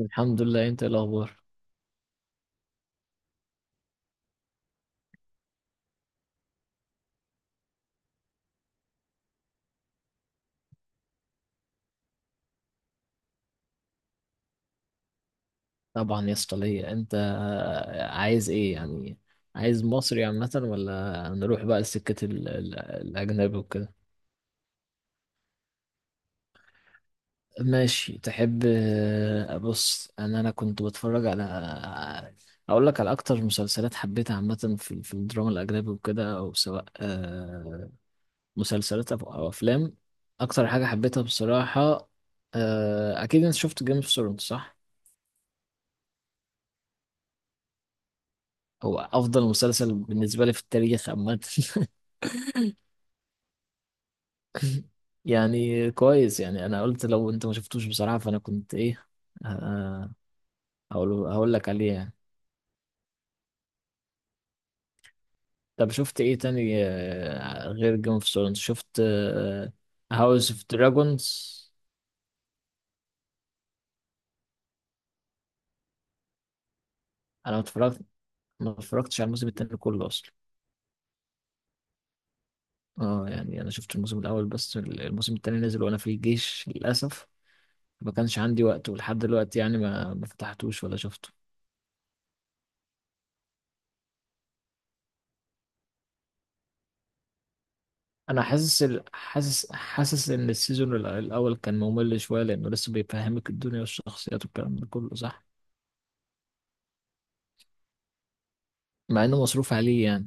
الحمد لله. انت ايه الاخبار؟ طبعا يا اسطى، ليا انت. عايز ايه يعني؟ عايز مصري عامة ولا نروح بقى لسكة الأجنبي وكده؟ ماشي، تحب. بص، أنا كنت بتفرج على. أقول لك على أكتر مسلسلات حبيتها عامة في الدراما الأجنبي وكده، أو سواء مسلسلات أو أفلام، أكتر حاجة حبيتها بصراحة. أكيد أنت شفت جيم اوف ثرونز صح؟ هو أفضل مسلسل بالنسبة لي في التاريخ عامة. يعني كويس، يعني انا قلت لو انت ما شفتوش بصراحة فانا كنت ايه. آه، هقول لك عليه يعني. طب شفت ايه تاني غير جيم اوف ثرونز؟ شفت هاوس اوف دراجونز؟ انا ما اتفرجت ما اتفرجتش على الموسم التاني كله اصلا. اه يعني انا شفت الموسم الاول، بس الموسم التاني نزل وانا في الجيش للاسف. ما كانش عندي وقت ولحد دلوقتي، يعني ما فتحتوش ولا شفته. انا حاسس ان السيزون الاول كان ممل شويه، لانه لسه بيفهمك الدنيا والشخصيات والكلام ده كله، صح؟ مع انه مصروف عليه يعني.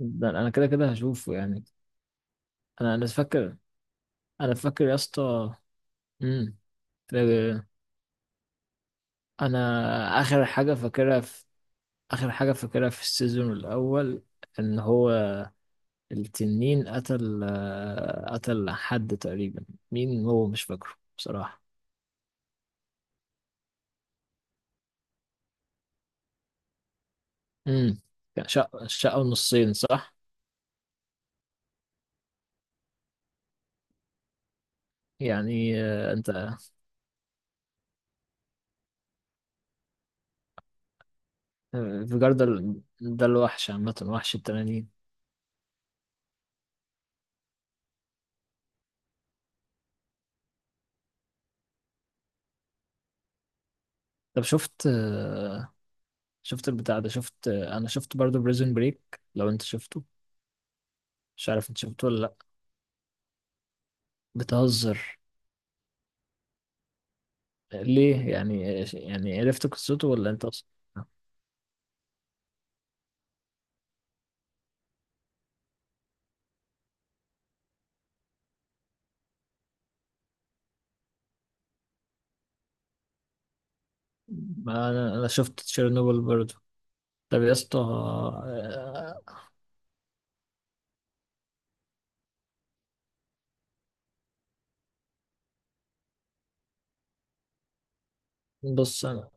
ده انا كده كده هشوفه يعني. انا فاكر. انا فاكر يا اسطى. امم. ف- انا اخر حاجه فاكرها في اخر حاجه فاكرها في السيزون الاول، ان هو التنين قتل قتل حد تقريبا. مين هو مش فاكره بصراحه. امم. كان شق شقه نصين صح؟ يعني آه، انت فيجار ده ده الوحش عامة، وحش التنانين. طب شفت شفت البتاع ده، شفت انا شفت برضو بريزون بريك، لو انت شفته. مش عارف انت شفته ولا لا؟ بتهزر. ليه يعني يعني عرفت قصته ولا انت اصلا؟ ما انا شفت تشيرنوبل برضو. طب يا اسطى، بص انا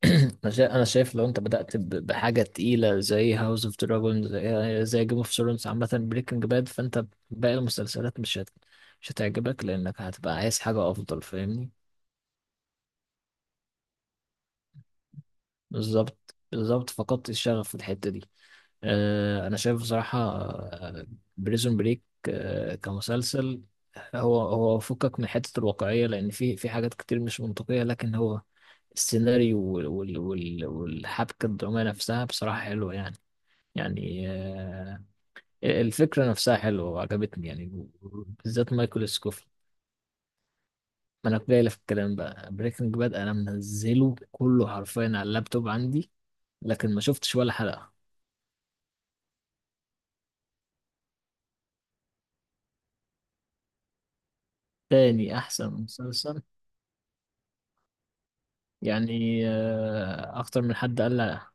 انا شايف لو انت بدأت بحاجة تقيلة زي هاوس اوف دراجون، زي زي جيم اوف ثرونز عامة، بريكنج باد، فانت باقي المسلسلات مش هتعجبك، لانك هتبقى عايز حاجة افضل فاهمني. بالظبط، بالظبط، فقدت الشغف في الحتة دي. آه انا شايف بصراحة بريزون بريك كمسلسل، هو فكك من حتة الواقعية، لان في حاجات كتير مش منطقية، لكن هو السيناريو والحبكة الدرامية نفسها بصراحة حلوة يعني. يعني الفكرة نفسها حلوة وعجبتني يعني. بالذات مايكل سكوفي. ما انا جاي في الكلام بقى، بريكنج باد انا منزله كله حرفيا على اللابتوب عندي، لكن ما شفتش ولا حلقة. تاني احسن مسلسل؟ يعني اكتر من حد قال، لا.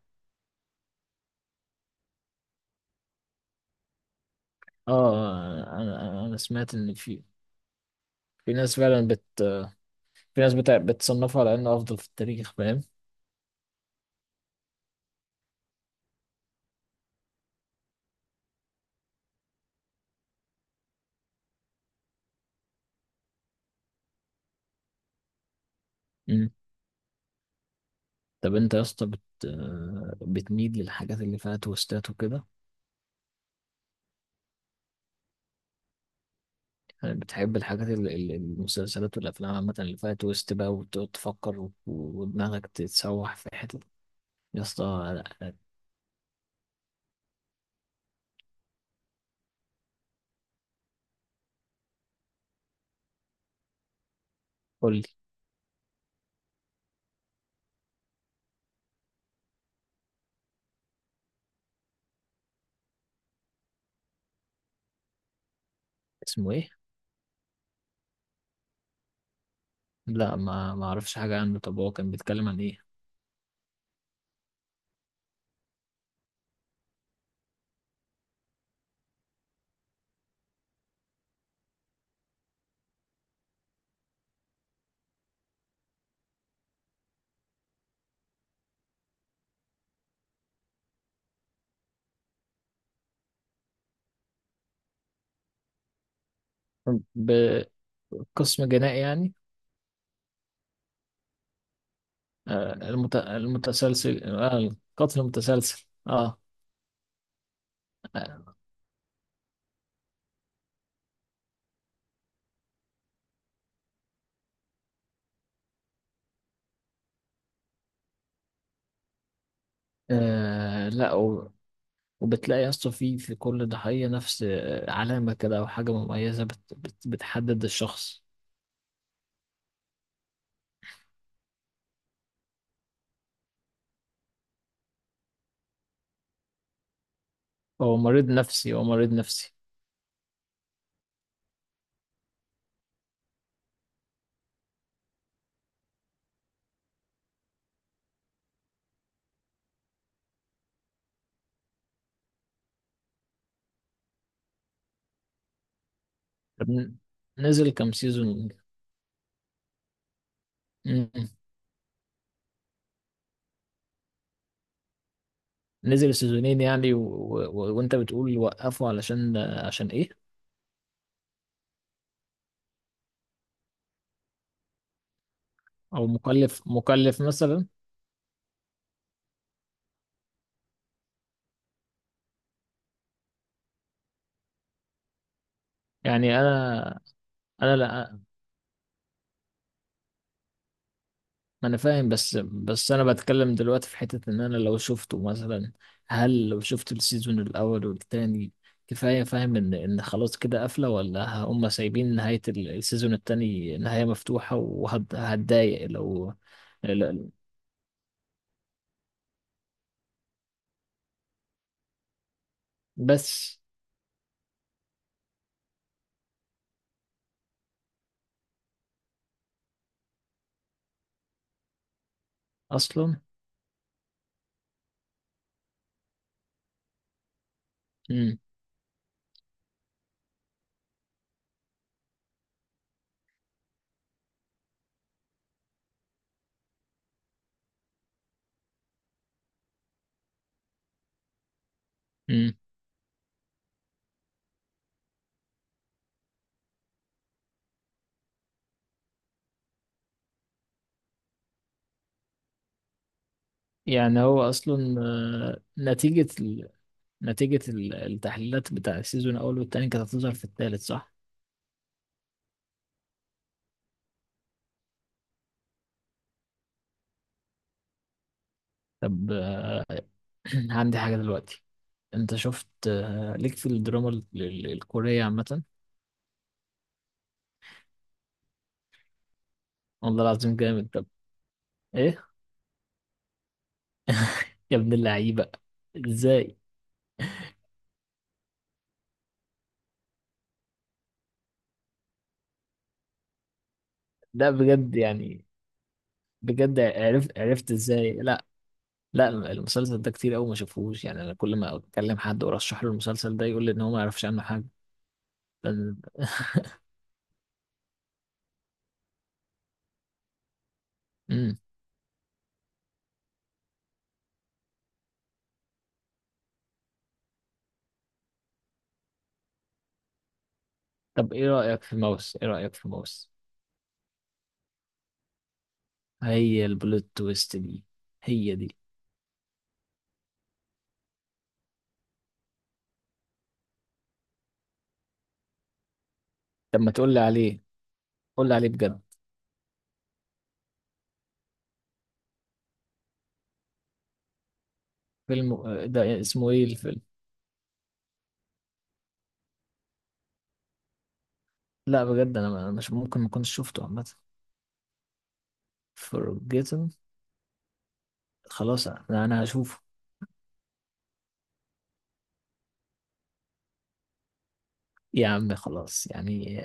اه انا سمعت ان في في ناس فعلا بت في ناس بتصنفه على انه افضل في التاريخ فاهم. مم. طب انت يا اسطى بت... آه، بتميل للحاجات اللي فيها تويستات وكده؟ بتحب الحاجات المسلسلات والأفلام عامة اللي فيها تويست بقى، وتقعد تفكر ودماغك تتسوح في حتة، يا اسطى؟ لا، قول لي. اسمه ايه؟ لا ما اعرفش حاجة عنه. طب هو كان بيتكلم عن ايه؟ بقسم جنائي يعني. المتسلسل، القتل المتسلسل، اه. آه لا و- وبتلاقي يا اسطى في كل ضحية نفس علامة كده، أو حاجة مميزة بت بت بتحدد الشخص. هو مريض نفسي، هو مريض نفسي. طب نزل كام سيزون؟ مم. نزل سيزونين، يعني وانت بتقول وقفوا عشان ايه؟ او مكلف، مكلف مثلا. يعني انا انا لا ما انا فاهم، بس انا بتكلم دلوقتي في حتة، ان انا لو شفته مثلا، هل لو شفت السيزون الاول والتاني كفاية؟ فاهم ان خلاص كده قافلة، ولا هم سايبين نهاية السيزون التاني نهاية مفتوحة وهتضايق لو لا- بس اصلا. مم. يعني هو اصلا نتيجة التحليلات بتاع السيزون الاول والتاني كانت هتظهر في التالت صح؟ طب عندي حاجة دلوقتي. انت شفت ليك في الدراما الكورية عامة؟ والله العظيم جامد. طب ايه؟ يا ابن اللعيبة، ازاي؟ لا بجد يعني؟ بجد عرفت ازاي؟ لا، لا، المسلسل ده كتير قوي ما شافوهوش، يعني انا كل ما اكلم حد وارشح له المسلسل ده يقول لي ان هو ما يعرفش عنه حاجة. امم. طب ايه رأيك في ماوس، ايه رأيك في ماوس؟ هي البلوت تويست دي، هي دي. طب ما تقول لي عليه. قول لي عليه بجد. فيلم، ده اسمه ايه الفيلم؟ لا بجد، انا مش ممكن ما كنتش شفته عامة. Forgotten. خلاص انا هشوفه. يا عم خلاص يعني.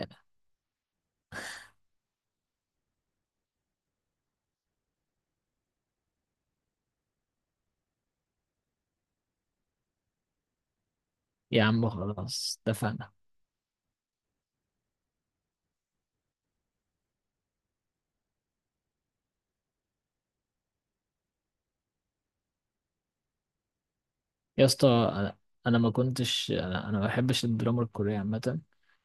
يا عم خلاص اتفقنا. يا اسطى انا، أنا ما بحبش الدراما الكورية عامة.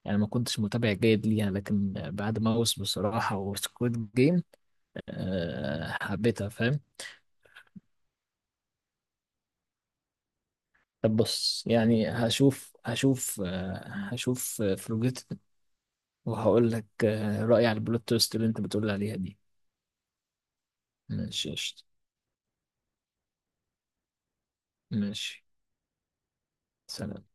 يعني ما كنتش متابع جيد ليها، لكن بعد ماوس بصراحة وسكويد جيم، أه حبيتها فاهم. طب بص، يعني هشوف فلوجيت، وهقول لك رأيي على البلوت تويست اللي انت بتقول عليها دي. ماشي قشطة. ماشي. سلام.